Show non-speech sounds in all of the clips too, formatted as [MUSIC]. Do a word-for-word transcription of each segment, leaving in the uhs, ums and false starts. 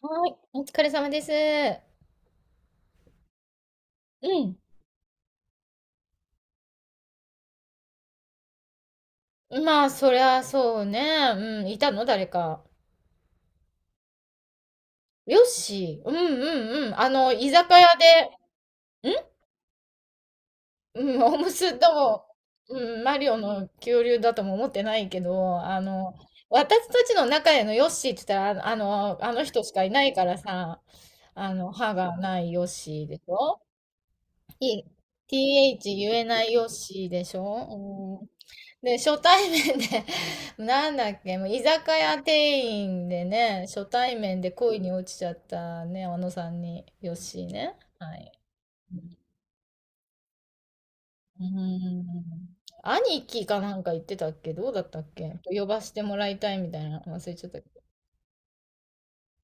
はい、お疲れ様です。うん。まあ、そりゃそうね。うん、いたの誰か。よし。うんうんうん。あの、居酒屋で、んうん、おむすとも、うん、マリオの恐竜だとも思ってないけど、あの、私たちの中でのヨッシーって言ったら、ああの、あの人しかいないからさ、あの、歯がないヨッシーでしょ。 T- h 言えないよしでしょ、うん、で、初対面で。 [LAUGHS] なんだっけ、もう居酒屋店員でね、初対面で恋に落ちちゃったね、あのさんに、よしね。はい。うん。兄貴かなんか言ってたっけ、どうだったっけ、呼ばしてもらいたいみたいな、忘れちゃったけど。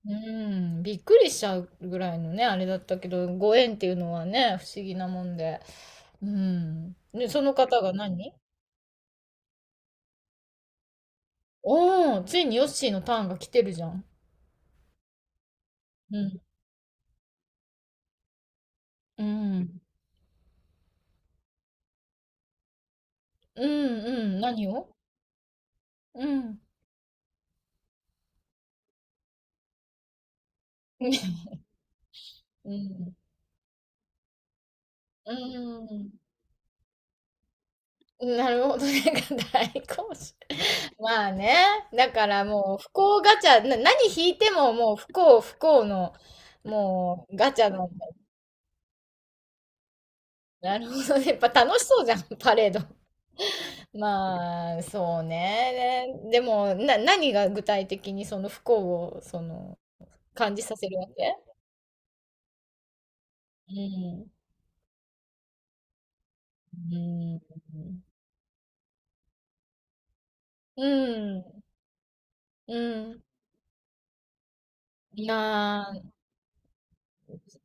うん、びっくりしちゃうぐらいのね、あれだったけど、ご縁っていうのはね、不思議なもんで。うん。で、その方が何、おーついにヨッシーのターンが来てるじゃん。うん。うん。うん、うん。何を、うん。うん。うん。なるほどね。[LAUGHS] 大好評。まあね。だからもう不幸ガチャ、な、何引いてももう不幸不幸の、もうガチャの、なるほどね。やっぱ楽しそうじゃん、パレード。まあ、そうね。でも、な、何が具体的にその不幸を、その、感じさせるわけ。うん。うん。うん。うん、いやー、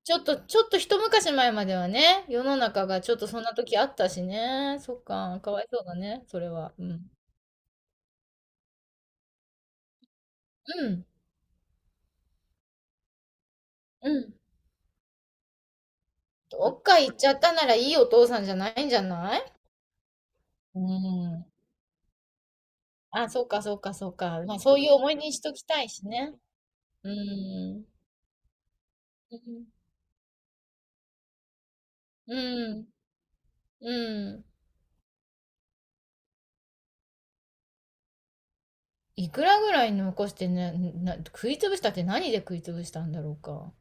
ちょっと、ちょっと一昔前まではね、世の中がちょっとそんな時あったしね。そっか、かわいそうだね、それは。うん。うん。うん。どっか行っちゃったならいいお父さんじゃないんじゃない。うん。あ、そうか、そうか、そうか。まあ、そういう思い出にしときたいしね。うん。うん。うん。うん、いくらぐらい残してね、な、食い潰したって何で食い潰したんだろうか。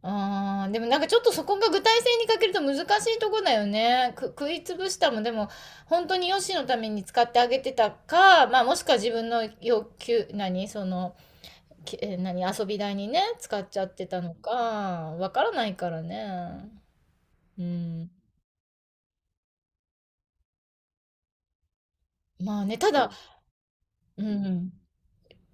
あー、でもなんかちょっとそこが具体性に欠けると難しいとこだよね。く、食いつぶしたもんでも本当にヨシのために使ってあげてたか、まあもしくは自分の要求、何、その、きえな何、遊び代にね、使っちゃってたのか、わからないからね。うん。まあね、ただ、うん。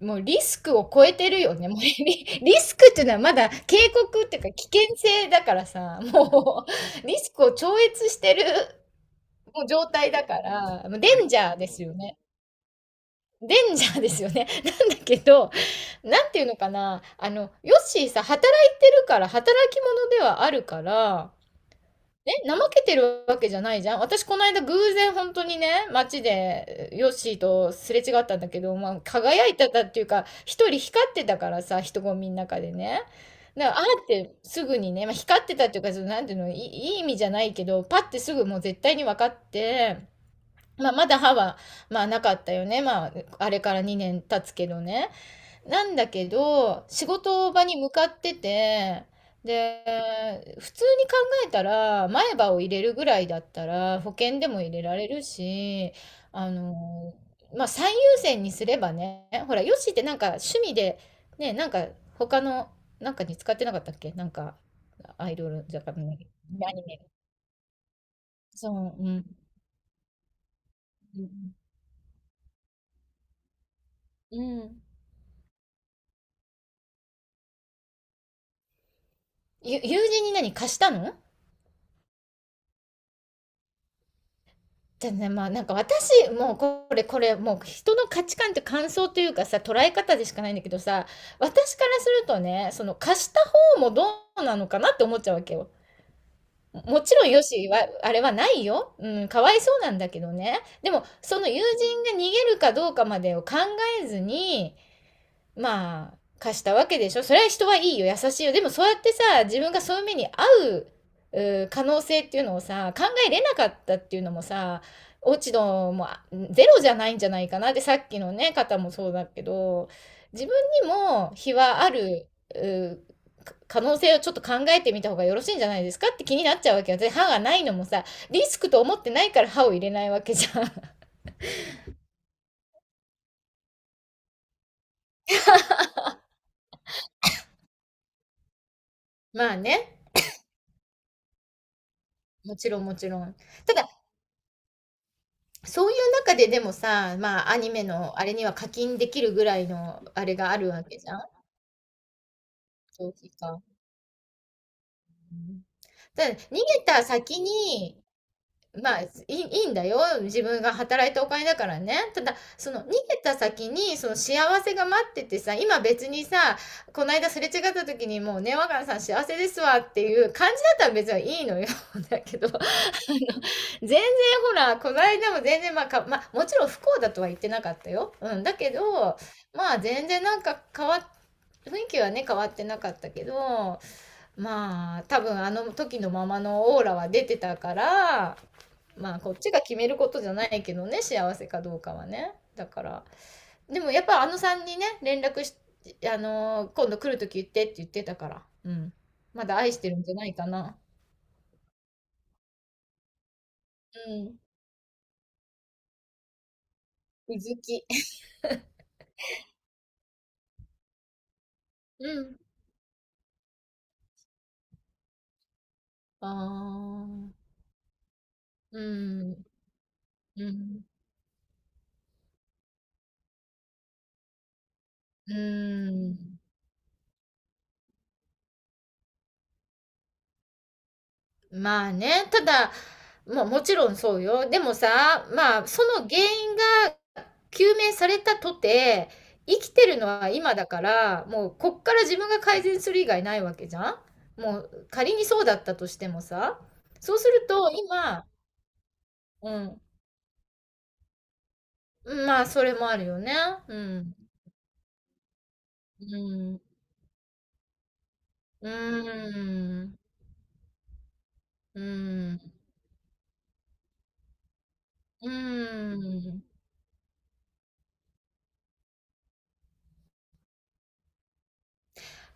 もうリスクを超えてるよね。もうリ、[LAUGHS] リスクっていうのはまだ警告っていうか危険性だからさ、もう。 [LAUGHS] リスクを超越してるもう状態だから、もうデンジャーですよね。デンジャーですよね。[LAUGHS] なんだけど、なんていうのかな。あの、ヨッシーさ、働いてるから、働き者ではあるから、ね、怠けてるわけじゃないじゃん。私、この間偶然本当にね、街でヨッシーとすれ違ったんだけど、まあ、輝いてたっていうか、一人光ってたからさ、人混みの中でね。だから、あーってすぐにね、まあ、光ってたっていうか、そのなんていうの、いいいい意味じゃないけど、パッてすぐもう絶対に分かって、まあ、まだ歯は、まあ、なかったよね。まあ、あれからにねん経つけどね。なんだけど、仕事場に向かってて、で、普通に考えたら、前歯を入れるぐらいだったら、保険でも入れられるし、あの、まあ、最優先にすればね、ほら、ヨッシーってなんか趣味で、ね、なんか他の、なんかに使ってなかったっけなんか、アイドル、じゃあ、アニメ。そう、うん。うん。うん、ゆ友人に何貸したの。じゃね、まあなんか私、もうこれ、これ、もう人の価値観って感想というかさ、捉え方でしかないんだけどさ、私からするとね、その貸した方もどうなのかなって思っちゃうわけよ。もちろんよしは、あれはないよ。うん、かわいそうなんだけどね。でも、その友人が逃げるかどうかまでを考えずに、まあ、貸したわけでしょ。それは人はいいよ、優しいよ。でもそうやってさ、自分がそういう目に遭う可能性っていうのをさ、考えれなかったっていうのもさ、落ち度もゼロじゃないんじゃないかな。で、さっきのね、方もそうだけど、自分にも非はある、う可能性をちょっと考えてみた方がよろしいんじゃないですかって気になっちゃうわけよ。で、歯がないのもさ、リスクと思ってないから歯を入れないわけじゃん。[LAUGHS] まあね、もちろんもちろん。ただそういう中ででもさ、まあ、アニメのあれには課金できるぐらいのあれがあるわけじゃん。長期化。うん、ただ、逃げた先に、まあ、いい、いいんだよ。自分が働いたお金だからね。ただ、その逃げた先に、その幸せが待っててさ、今別にさ、この間すれ違った時にもうね、若菜さん幸せですわっていう感じだったら別にいいのよ。[LAUGHS] だけど、[LAUGHS] 全然ほら、この間も全然、まあか、まあ、もちろん不幸だとは言ってなかったよ。うん、だけど、まあ全然なんか変わっ、雰囲気はね、変わってなかったけど、まあ多分あの時のままのオーラは出てたから、まあこっちが決めることじゃないけどね、幸せかどうかはね。だから、でもやっぱあのさんにね、連絡し、あのー今度来るとき言ってって言ってたから、うん。まだ愛してるんじゃないかな。うん。うずき。うん。ああ、うん、うん、うん。まあね、ただ、まあもちろんそうよ。でもさ、まあその原因が究明されたとて、生きてるのは今だから、もうこっから自分が改善する以外ないわけじゃん。もう仮にそうだったとしてもさ、そうすると今、うん、まあそれもあるよね。うん、うん、うん、うん、うん。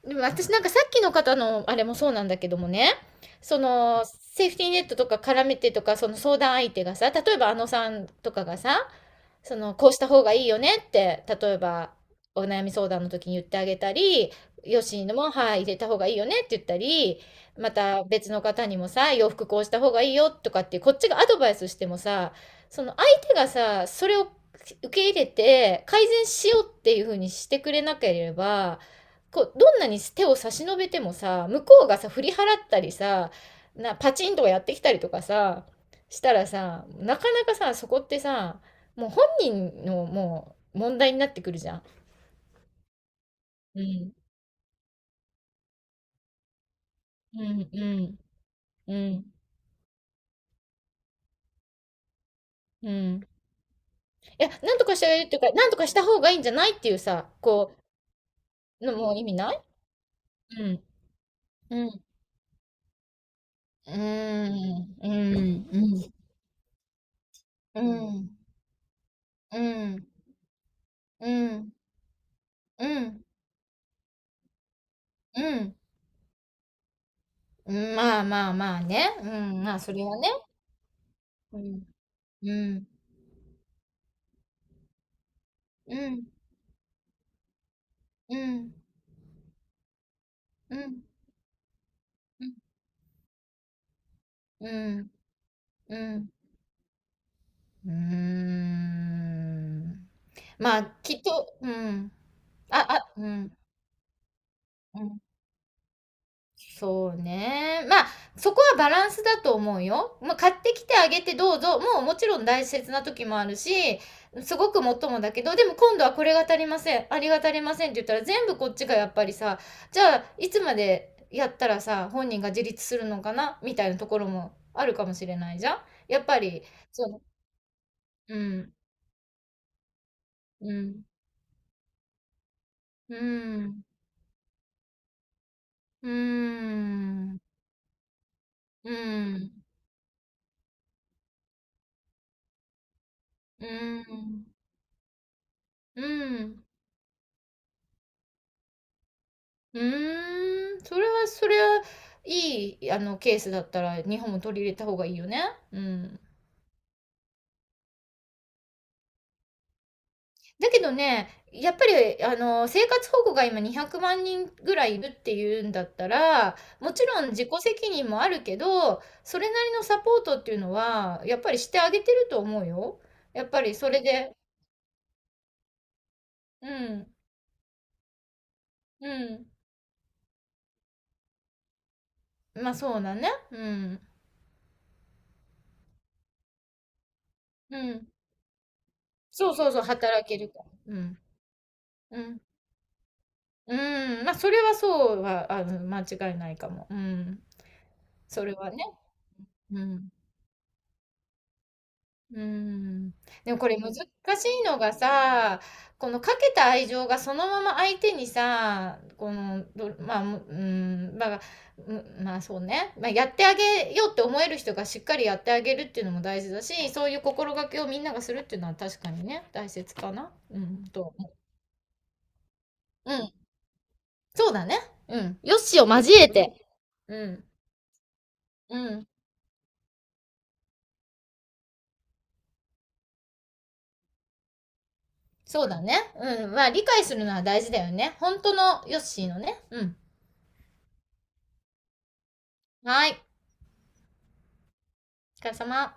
でも私なんかさっきの方のあれもそうなんだけどもね、そのセーフティーネットとか絡めてとか、その相談相手がさ、例えばあのさんとかがさ、そのこうした方がいいよねって、例えばお悩み相談の時に言ってあげたり、よしのも、はい、入れた方がいいよねって言ったり、また別の方にもさ、洋服こうした方がいいよとかって、こっちがアドバイスしてもさ、その相手がさ、それを受け入れて改善しようっていうふうにしてくれなければ、こうどんなに手を差し伸べてもさ、向こうがさ振り払ったりさ、なパチンとかやってきたりとかさ、したらさ、なかなかさそこってさ、もう本人のもう問題になってくるじゃん。うんうんうんうんうん、いや、なんとかしてあげるっていうか、なんとかした方がいいんじゃないっていうさ、こうのもう意味ない。うんうんうんうんうんうんうんうんうんうんうん、まあまあまあね。うん、まあ、それはね。うん、うん、うん、うん、うん、うん、うん、うーん、まあ、きっと、うん。あ、あ、うん、うん。そうね。まあ、そこはバランスだと思うよ。まあ、買ってきてあげてどうぞ。もうもちろん大切な時もあるし、すごくもっともだけど、でも今度はこれが足りません、ありが足りませんって言ったら全部こっちがやっぱりさ、じゃあいつまでやったらさ、本人が自立するのかなみたいなところもあるかもしれないじゃん。やっぱり、そう、うん、うん、うん、うん、うん、うん、うん。うーん、それはそれはいい、あの、ケースだったら日本も取り入れた方がいいよね。うん。だけどね、やっぱり、あの、生活保護が今にひゃくまん人ぐらいいるっていうんだったら、もちろん自己責任もあるけど、それなりのサポートっていうのは、やっぱりしてあげてると思うよ。やっぱりそれで、うん、うん。まあそうだね。うん、うん。そうそうそう、働けるから。うん、うん。うーん、まあ、それはそうは、あの、間違いないかも。うん。それはね。うん。うーん。でもこれ難しいのがさ、このかけた愛情がそのまま相手にさ、この、どまあ、む、うん、まあ、うん、まあ、そうね。まあ、やってあげようって思える人がしっかりやってあげるっていうのも大事だし、そういう心がけをみんながするっていうのは確かにね、大切かな。うん、と思う。うん、そうだね。うん。よしを交えて。うん、うん。そうだね。うん。まあ、理解するのは大事だよね。本当のヨッシーのね。うん。はい。お疲れ様。